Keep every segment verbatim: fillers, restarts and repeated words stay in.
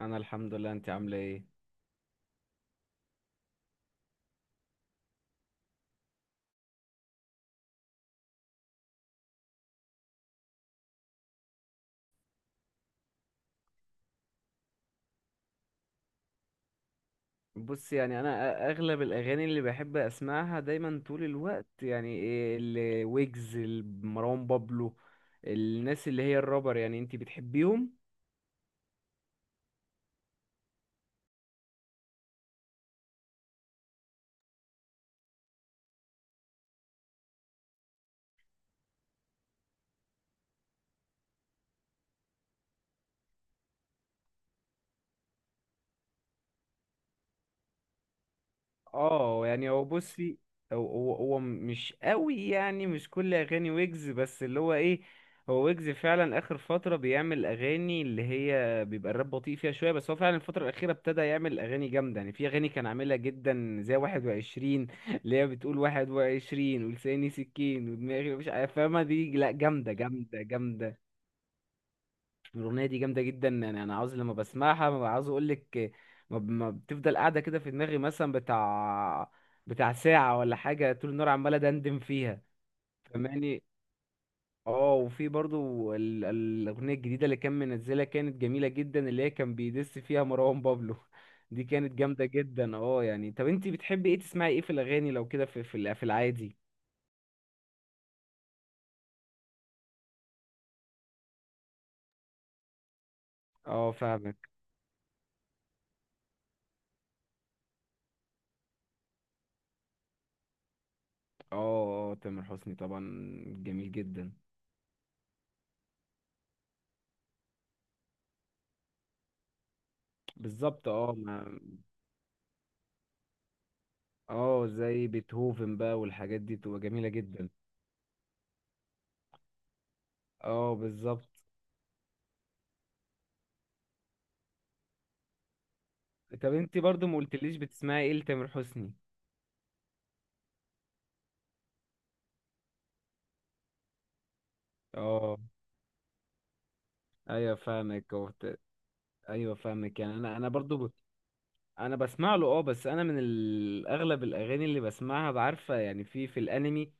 انا الحمد لله، انت عامله ايه؟ بص، يعني انا أ- اغلب الاغاني اللي بحب اسمعها دايما طول الوقت، يعني ايه الويجز، مروان بابلو، الناس اللي هي الرابر، يعني انت بتحبيهم؟ اه يعني هو، بصي، هو هو هو مش قوي، يعني مش كل اغاني ويجز، بس اللي هو ايه، هو ويجز فعلا اخر فتره بيعمل اغاني اللي هي بيبقى الراب بطيء فيها شويه، بس هو فعلا الفتره الاخيره ابتدى يعمل اغاني جامده، يعني في اغاني كان عاملها جدا زي واحد وعشرين، اللي هي بتقول واحد وعشرين ولساني سكين ودماغي مش عارف- فاهمه دي؟ لا، جامده جامده جامده. الأغنية دي جامدة جدا، يعني أنا عاوز لما بسمعها ما عاوز أقولك، ما ب- ما بتفضل قاعدة كده في دماغي، مثلا بتاع بتاع ساعة ولا حاجة، طول النهار عمال أدندن فيها، فماني. اه، وفي برضو ال- ال- الأغنية الجديدة اللي كان منزلها كانت جميلة جدا، اللي هي كان بيدس فيها مروان بابلو دي كانت جامدة جدا. اه يعني، طب انتي بتحبي ايه، تسمعي ايه في الأغاني لو كده، في في الع- في العادي؟ اه فاهمك. اه اه، تامر حسني طبعا، جميل جدا. بالظبط، اه ما، اه زي بيتهوفن بقى والحاجات دي بتبقى جميلة جدا. اه بالظبط. طب انت برضو ما قلتليش بتسمعي ايه لتامر حسني؟ اه. ايوه فاهمك وبت... ايوه فاهمك، يعني انا انا برضو ب... انا بسمع له اه، بس انا من ال- اغلب الاغاني اللي بسمعها بعارفه، يعني في في الانمي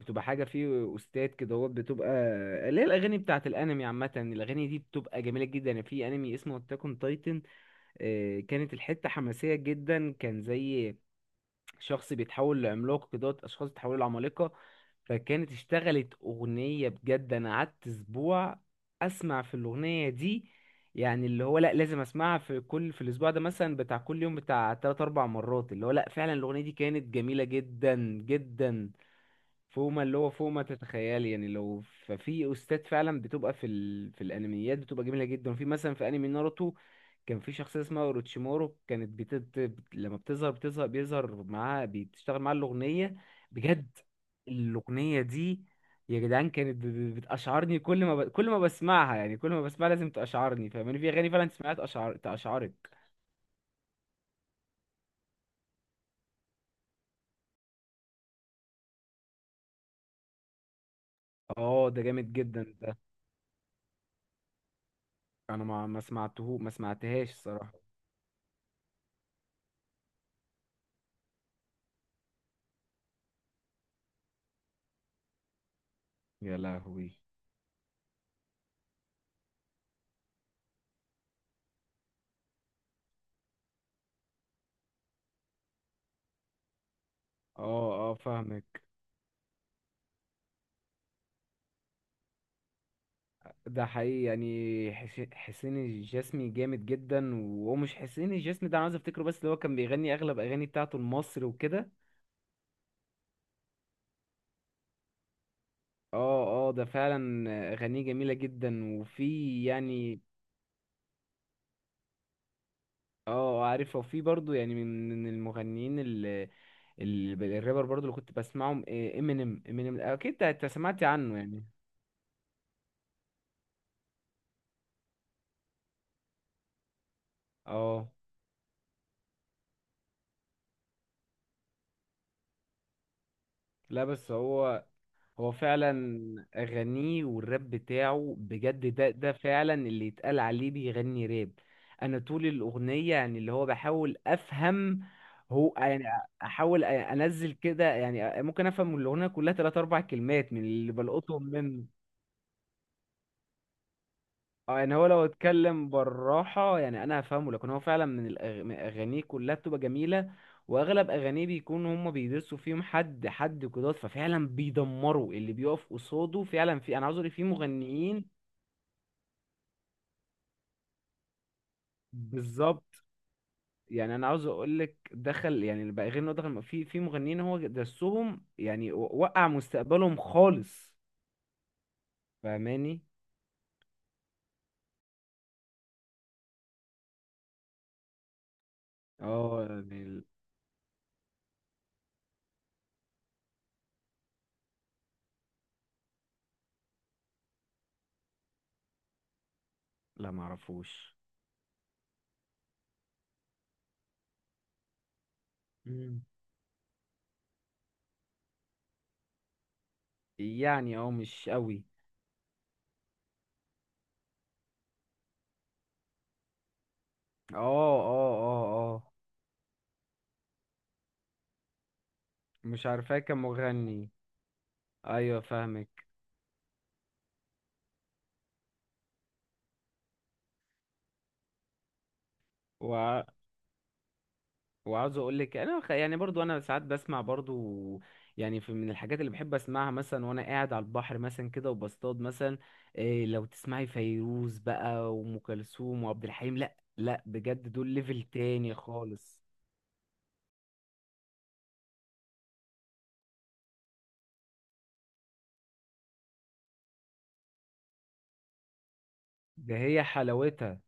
بتبقى حاجه، فيه استاذ كده هو بتبقى، اللي هي الاغاني بتاعه الانمي عامه الاغاني دي بتبقى جميله جدا. يعني في انمي اسمه اتاك اون تايتن، كانت الحته حماسيه جدا، كان زي شخص بيتحول لعملاق كده، اشخاص بيتحولوا لعمالقه. فكانت اشتغلت اغنيه، بجد انا قعدت اسبوع اسمع في الاغنيه دي، يعني اللي هو لا لازم اسمعها في كل في الاسبوع ده، مثلا بتاع كل يوم بتاع تلات اربعة مرات، اللي هو لا، فعلا الاغنيه دي كانت جميله جدا جدا، فوق ما اللي هو فوق ما تتخيلي. يعني لو ففي استاذ فعلا بتبقى في ال... في الانميات بتبقى جميله جدا. وفي مثلا في انمي ناروتو، كان في شخصيه اسمها اوروتشيمورو، كانت بت... بت- لما بتظهر بتظهر بيظهر معاها، بتشتغل معاها الاغنيه، بجد الاغنيه دي يا جدعان، كانت ب- ب- بتأشعرني كل ما ب... كل ما بسمعها، يعني كل ما بسمعها لازم تأشعرني، فاهماني؟ في اغاني فعلا سمعت أشعر... تأشعرك. اه ده جامد جدا ده، انا ما ما سمعته ما سمعتهاش الصراحه، يا لهوي. اه اه فاهمك. ده حقيقي، يعني حس- حسين الجسمي جامد جدا، وهو مش حسين الجسمي ده، انا عايز افتكره، بس اللي هو كان بيغني اغلب اغاني بتاعته لمصر وكده. اه اه، ده فعلا اغانيه جميلة جدا، وفي يعني اه عارف. وفي برضو، يعني من من المغنيين اللي الرابر برضو اللي كنت بسمعهم، امينيم، امينيم اكيد انت إنت سمعت عنه، يعني اه. لا بس هو، هو فعلا أغانيه والراب بتاعه بجد ده ده فعلا اللي يتقال عليه بيغني راب. أنا طول الأغنية، يعني اللي هو بحاول أفهم هو يعني، أحاول أ- أنزل كده، يعني ممكن أفهم الأغنية كلها تلات أربع كلمات من اللي بلقطهم منه. اه يعني هو لو اتكلم بالراحة يعني انا هفهمه، لكن هو فعلا من الأغ... من اغانيه كلها بتبقى جميلة. واغلب اغانيه بيكون هما بيدرسوا فيهم حد حد قدرات، ففعلا بيدمروا اللي بيقف قصاده، فعلا في انا عاوز اقول في مغنيين. بالظبط، يعني انا عاوز اقول لك دخل، يعني بقى غير انه دخل في في مغنيين هو درسهم، يعني و- وقع مستقبلهم خالص، فاهماني؟ اه يعني. لا معرفوش. مم. يعني اه مش قوي. اه اه اه. اه مش عارفاه كمغني. ايوه فاهمك وع... وعاوز اقول لك، انا خ- يعني برضو انا ساعات بسمع برضو، يعني في من الحاجات اللي بحب اسمعها مثلا وانا قاعد على البحر مثلا كده وبصطاد مثلا، إيه لو تسمعي فيروز بقى وام كلثوم وعبد الحليم، لا لا بجد دول ليفل تاني خالص، ده هي حلاوتها.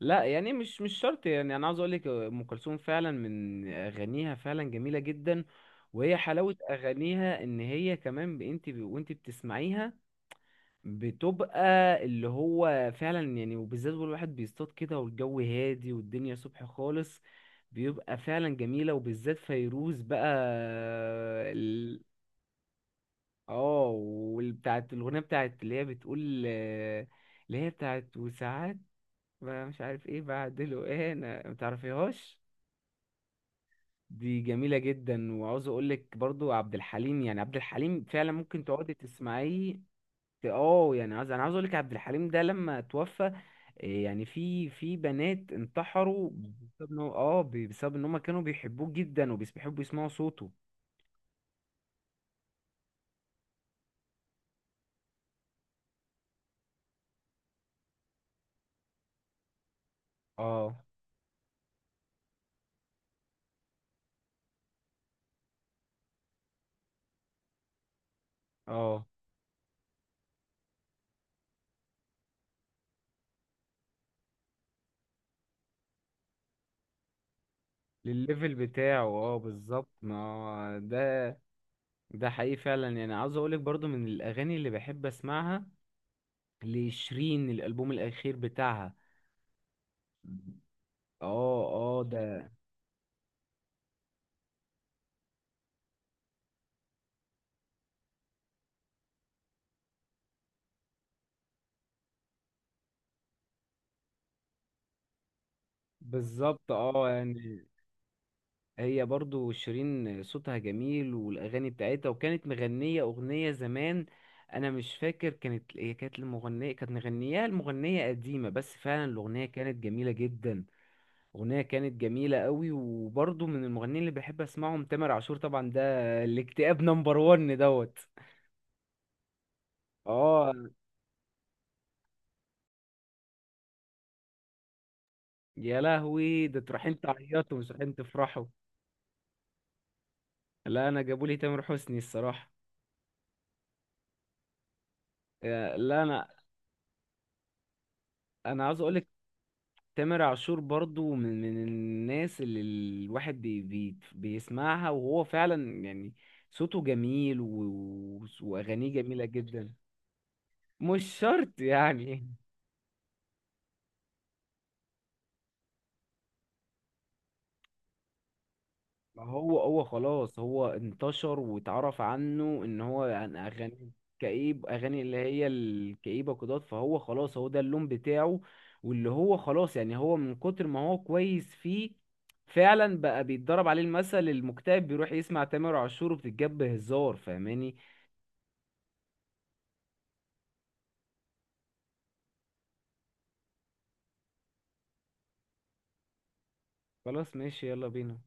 لا يعني مش مش شرط، يعني انا عاوز اقول لك آه، ام كلثوم فعلا من اغانيها فعلا جميله جدا. وهي حلاوه اغانيها ان هي كمان ب- انت ب- وانت بتسمعيها بتبقى اللي هو فعلا يعني، وبالذات والواحد بيصطاد كده والجو هادي والدنيا صبح خالص، بيبقى فعلا جميله. وبالذات فيروز بقى آه، ال... اه، والبتاعت الاغنيه بتاعت اللي هي بتقول آه، اللي هي بتاعت وساعات بقى مش عارف ايه بعدله ايه، انا ما تعرفيهاش، دي جميلة جدا. وعاوز اقول لك برضو عبد الحليم، يعني عبد الحليم فعلا ممكن تقعدي تسمعيه. ت- اه يعني، عاوز انا عاوز اقول لك عبد الحليم ده لما توفى، إيه يعني في في بنات انتحروا بسبب ان هو، اه ب- بسبب ان هم كانوا بيحبوه جدا وبيحبوا يسمعوا صوته. اه اه، للليفل بتاعه، اه بالظبط، ما هو ده، ده حقيقي فعلا. يعني عاوز اقول لك برضو من الاغاني اللي بحب اسمعها لشيرين، الالبوم الاخير بتاعها. اه اه ده بالظبط. اه يعني، هي برضو شيرين صوتها جميل والاغاني بتاعتها، وكانت مغنيه اغنيه زمان، انا مش فاكر كانت هي كانت المغنيه كانت مغنياها المغنيه قديمه، بس فعلا الاغنيه كانت جميله جدا، اغنيه كانت جميله قوي. وبرضو من المغنيين اللي بحب اسمعهم تامر عاشور طبعا، ده الاكتئاب نمبر واحد دوت. اه، يا لهوي ده، تروحين تعيطوا مش رايحين تفرحوا. لا انا جابوا لي تامر حسني الصراحه. آه، لا انا انا عاوز اقول لك تامر عاشور برضو من من الناس اللي الواحد بي بي بيسمعها، وهو فعلا يعني صوته جميل و... و- واغانيه جميله جدا. مش شرط، يعني ما هو هو خلاص، هو انتشر واتعرف عنه ان هو يعني اغاني كئيب، اغاني اللي هي الكئيبه كده، فهو خلاص هو ده اللون بتاعه، واللي هو خلاص يعني هو من كتر ما هو كويس فيه فعلا بقى بيتضرب عليه المثل، المكتئب بيروح يسمع تامر عاشور وبتتجاب هزار، فاهماني؟ خلاص ماشي، يلا بينا.